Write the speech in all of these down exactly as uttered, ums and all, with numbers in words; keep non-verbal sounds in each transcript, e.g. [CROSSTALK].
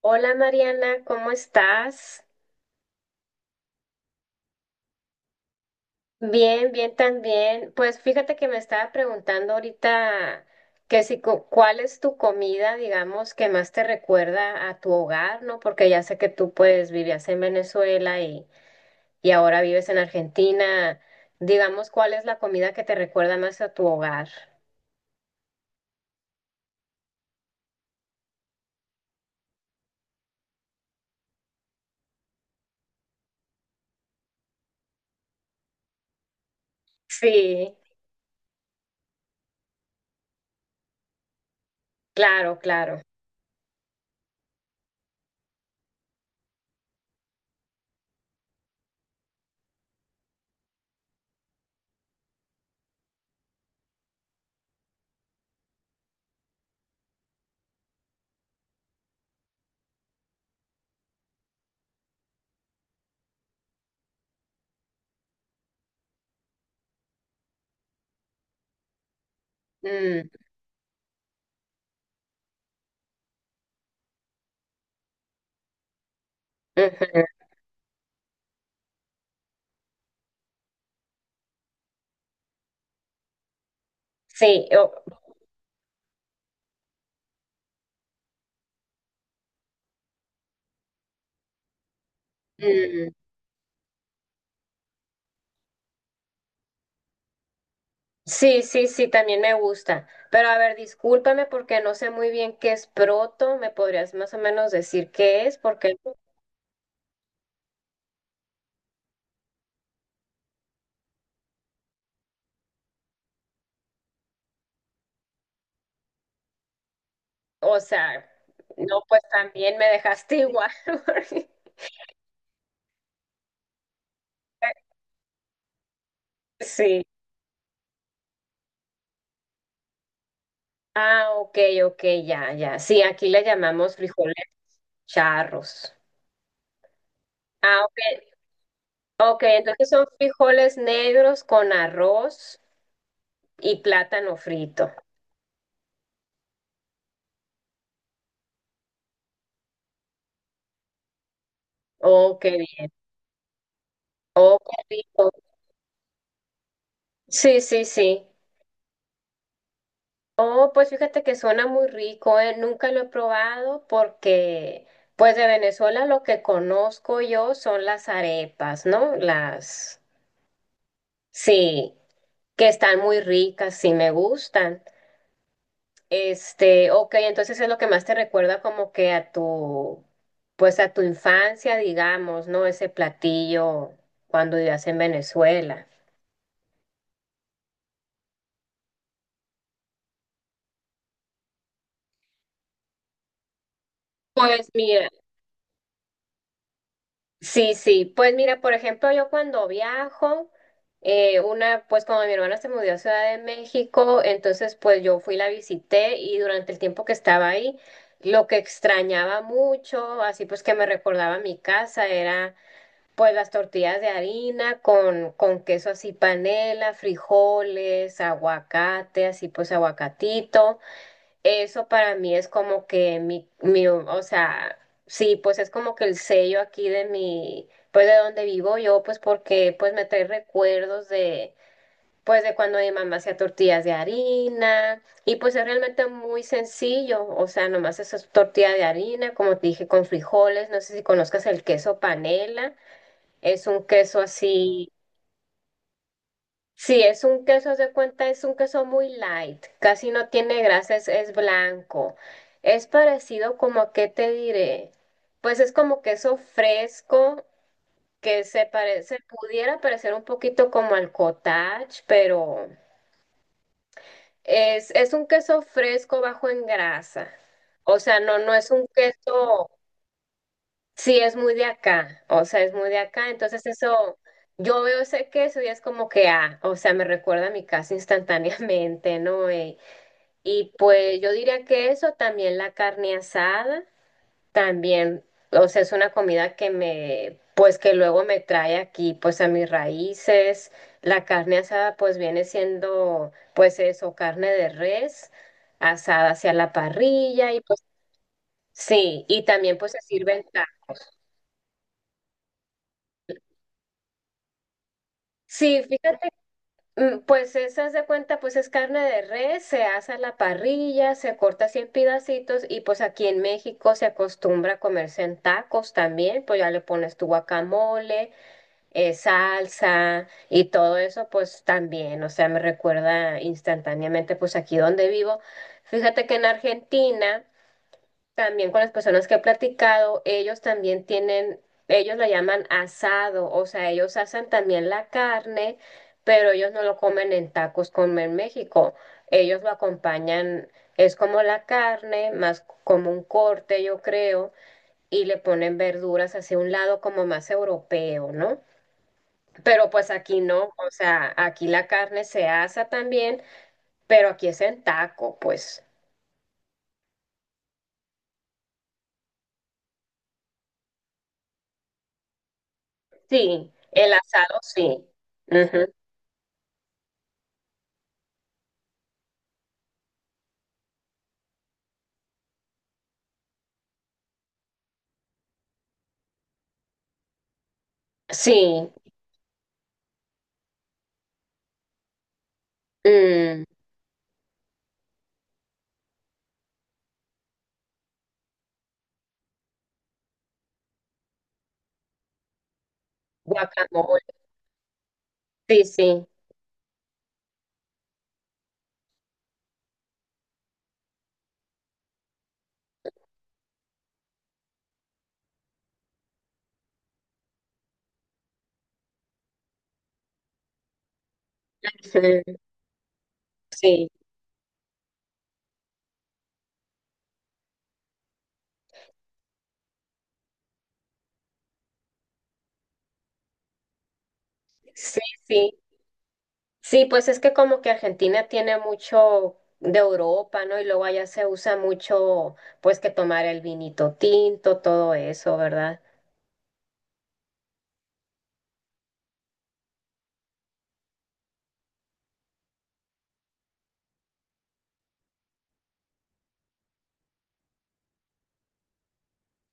Hola Mariana, ¿cómo estás? Bien, bien también. Pues fíjate que me estaba preguntando ahorita que si cu- cuál es tu comida, digamos, que más te recuerda a tu hogar, ¿no? Porque ya sé que tú pues vivías en Venezuela y, y ahora vives en Argentina. Digamos, ¿cuál es la comida que te recuerda más a tu hogar? Sí, claro, claro. Mm, ujú. Sí, o- mm. Sí, sí, sí, también me gusta. Pero a ver, discúlpame porque no sé muy bien qué es proto. ¿Me podrías más o menos decir qué es? Porque, o sea, no, pues también me dejaste igual. [LAUGHS] porque- Sí. Ah, ok, ok, ya, ya. Sí, aquí le llamamos frijoles charros. Ah, ok. Ok, entonces son frijoles negros con arroz y plátano frito. Oh, qué bien. Oh, qué rico. Sí, sí, sí. Oh, pues fíjate que suena muy rico, ¿eh? Nunca lo he probado porque, Pues de Venezuela lo que conozco yo son las arepas, ¿no? Las, sí, que están muy ricas, sí me gustan. Este, ok, entonces es lo que más te recuerda como que a tu, pues a tu infancia, digamos, ¿no? Ese platillo cuando vivías en Venezuela. Pues mira. Sí, sí, pues mira, por ejemplo, yo cuando viajo, eh, una, pues cuando mi hermana se mudó a Ciudad de México, entonces pues yo fui, la visité y durante el tiempo que estaba ahí, lo que extrañaba mucho, así pues que me recordaba mi casa, era pues las tortillas de harina con, con queso así panela, frijoles, aguacate, así pues aguacatito. Eso para mí es como que mi, mi, o sea, sí, pues es como que el sello aquí de mi, pues de donde vivo yo, pues porque pues me trae recuerdos de, pues de cuando mi mamá hacía tortillas de harina y pues es realmente muy sencillo, o sea, nomás eso es tortilla de harina, como te dije, con frijoles, no sé si conozcas el queso panela, es un queso así. Sí, es un queso, se cuenta, es un queso muy light, casi no tiene grasa, es, es blanco. Es parecido como a qué te diré. Pues es como queso fresco que se parece, pudiera parecer un poquito como al cottage, pero es, es un queso fresco bajo en grasa. O sea, no, no es un queso. Sí, es muy de acá, o sea, es muy de acá, entonces eso, yo veo ese queso y es como que, ah, o sea, me recuerda a mi casa [LAUGHS] instantáneamente, ¿no? Eh, y pues yo diría que eso, también la carne asada, también, o sea, es una comida que me, pues que luego me trae aquí, pues a mis raíces, la carne asada pues viene siendo, pues eso, carne de res, asada hacia la parrilla y pues sí, y también pues se sirven... ta- Sí, fíjate. Mm, pues esa se cuenta, pues es carne de res, se asa a la parrilla, se corta así en pedacitos y pues aquí en México se acostumbra a comerse en tacos también, pues ya le pones tu guacamole, eh, salsa y todo eso pues también, o sea, me recuerda instantáneamente pues aquí donde vivo. Fíjate que en Argentina... También con las personas que he platicado, ellos también tienen, ellos lo llaman asado, o sea, ellos hacen también la carne, pero ellos no lo comen en tacos como en México. Ellos lo acompañan, es como la carne, más como un corte, yo creo, y le ponen verduras hacia un lado como más europeo, ¿no? Pero pues aquí no, o sea, aquí la carne se asa también, pero aquí es en taco, pues. Sí, el asado sí. Ujú. Sí, mm, guacamole, sí, sí, [LAUGHS] ujú, sí, sí, sí. Sí, pues es que como que Argentina tiene mucho de Europa, ¿no? Y luego allá se usa mucho, pues que tomar el vinito tinto, todo eso, ¿verdad?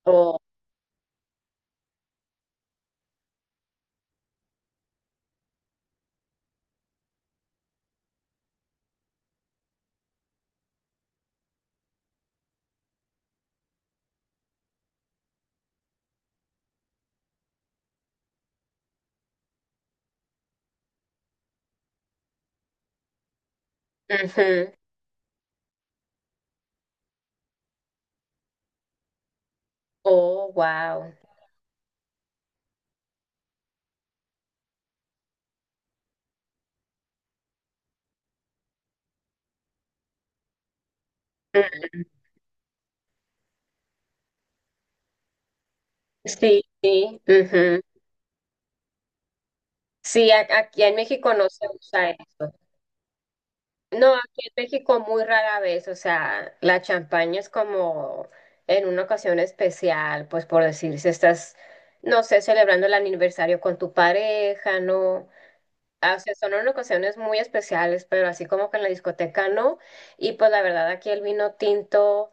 O ujú, oh, wow. Sí, sí, ujú. Sí, a- aquí en México no se usa eso. No, aquí en México muy rara vez, o sea, la champaña es como en una ocasión especial, pues por decir, si estás, no sé, celebrando el aniversario con tu pareja, ¿no? Ah, o sea, son en ocasiones muy especiales, pero así como que en la discoteca no. Y pues la verdad aquí el vino tinto,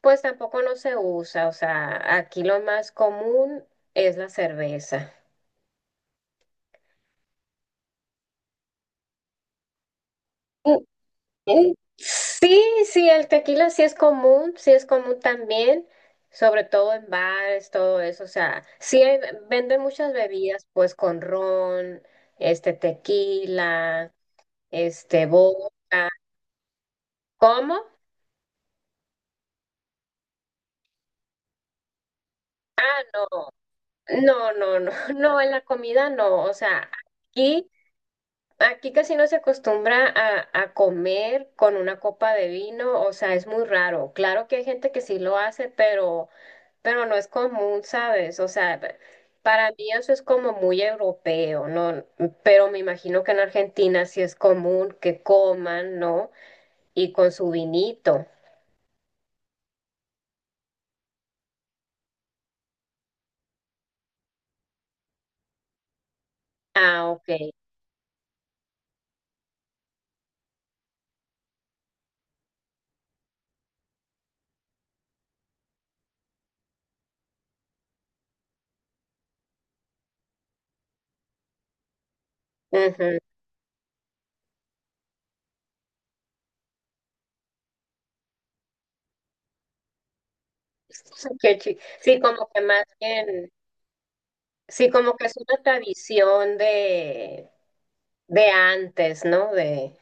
pues tampoco no se usa, o sea, aquí lo más común es la cerveza. Eh, Sí, sí, el tequila sí es común, sí es común también, sobre todo en bares, todo eso, o sea, sí hay- venden muchas bebidas, pues con ron, este tequila, este vodka. ¿Cómo? Ah, no, no, no, no, [LAUGHS] no, en la comida no, o sea, aquí aquí casi no se acostumbra a, a comer con una copa de vino, o sea, es muy raro. Claro que hay gente que sí lo hace, pero, pero no es común, ¿sabes? O sea, pa- para mí eso es como muy europeo, ¿no? Pero me imagino que en Argentina sí es común que coman, ¿no? Y con su vinito. Ah, ok. Ujú. [LAUGHS] Qué chi- Sí, como que más bien, sí, como que es una tradición de, de antes, ¿no? De...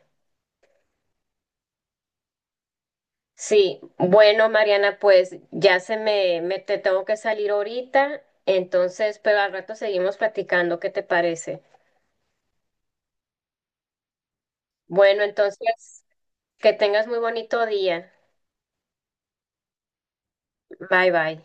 Sí, bueno, Mariana, pues ya se me, me te tengo que salir ahorita, entonces, pero al rato seguimos platicando, ¿qué te parece? Bueno, entonces, que tengas muy bonito día. Bye bye.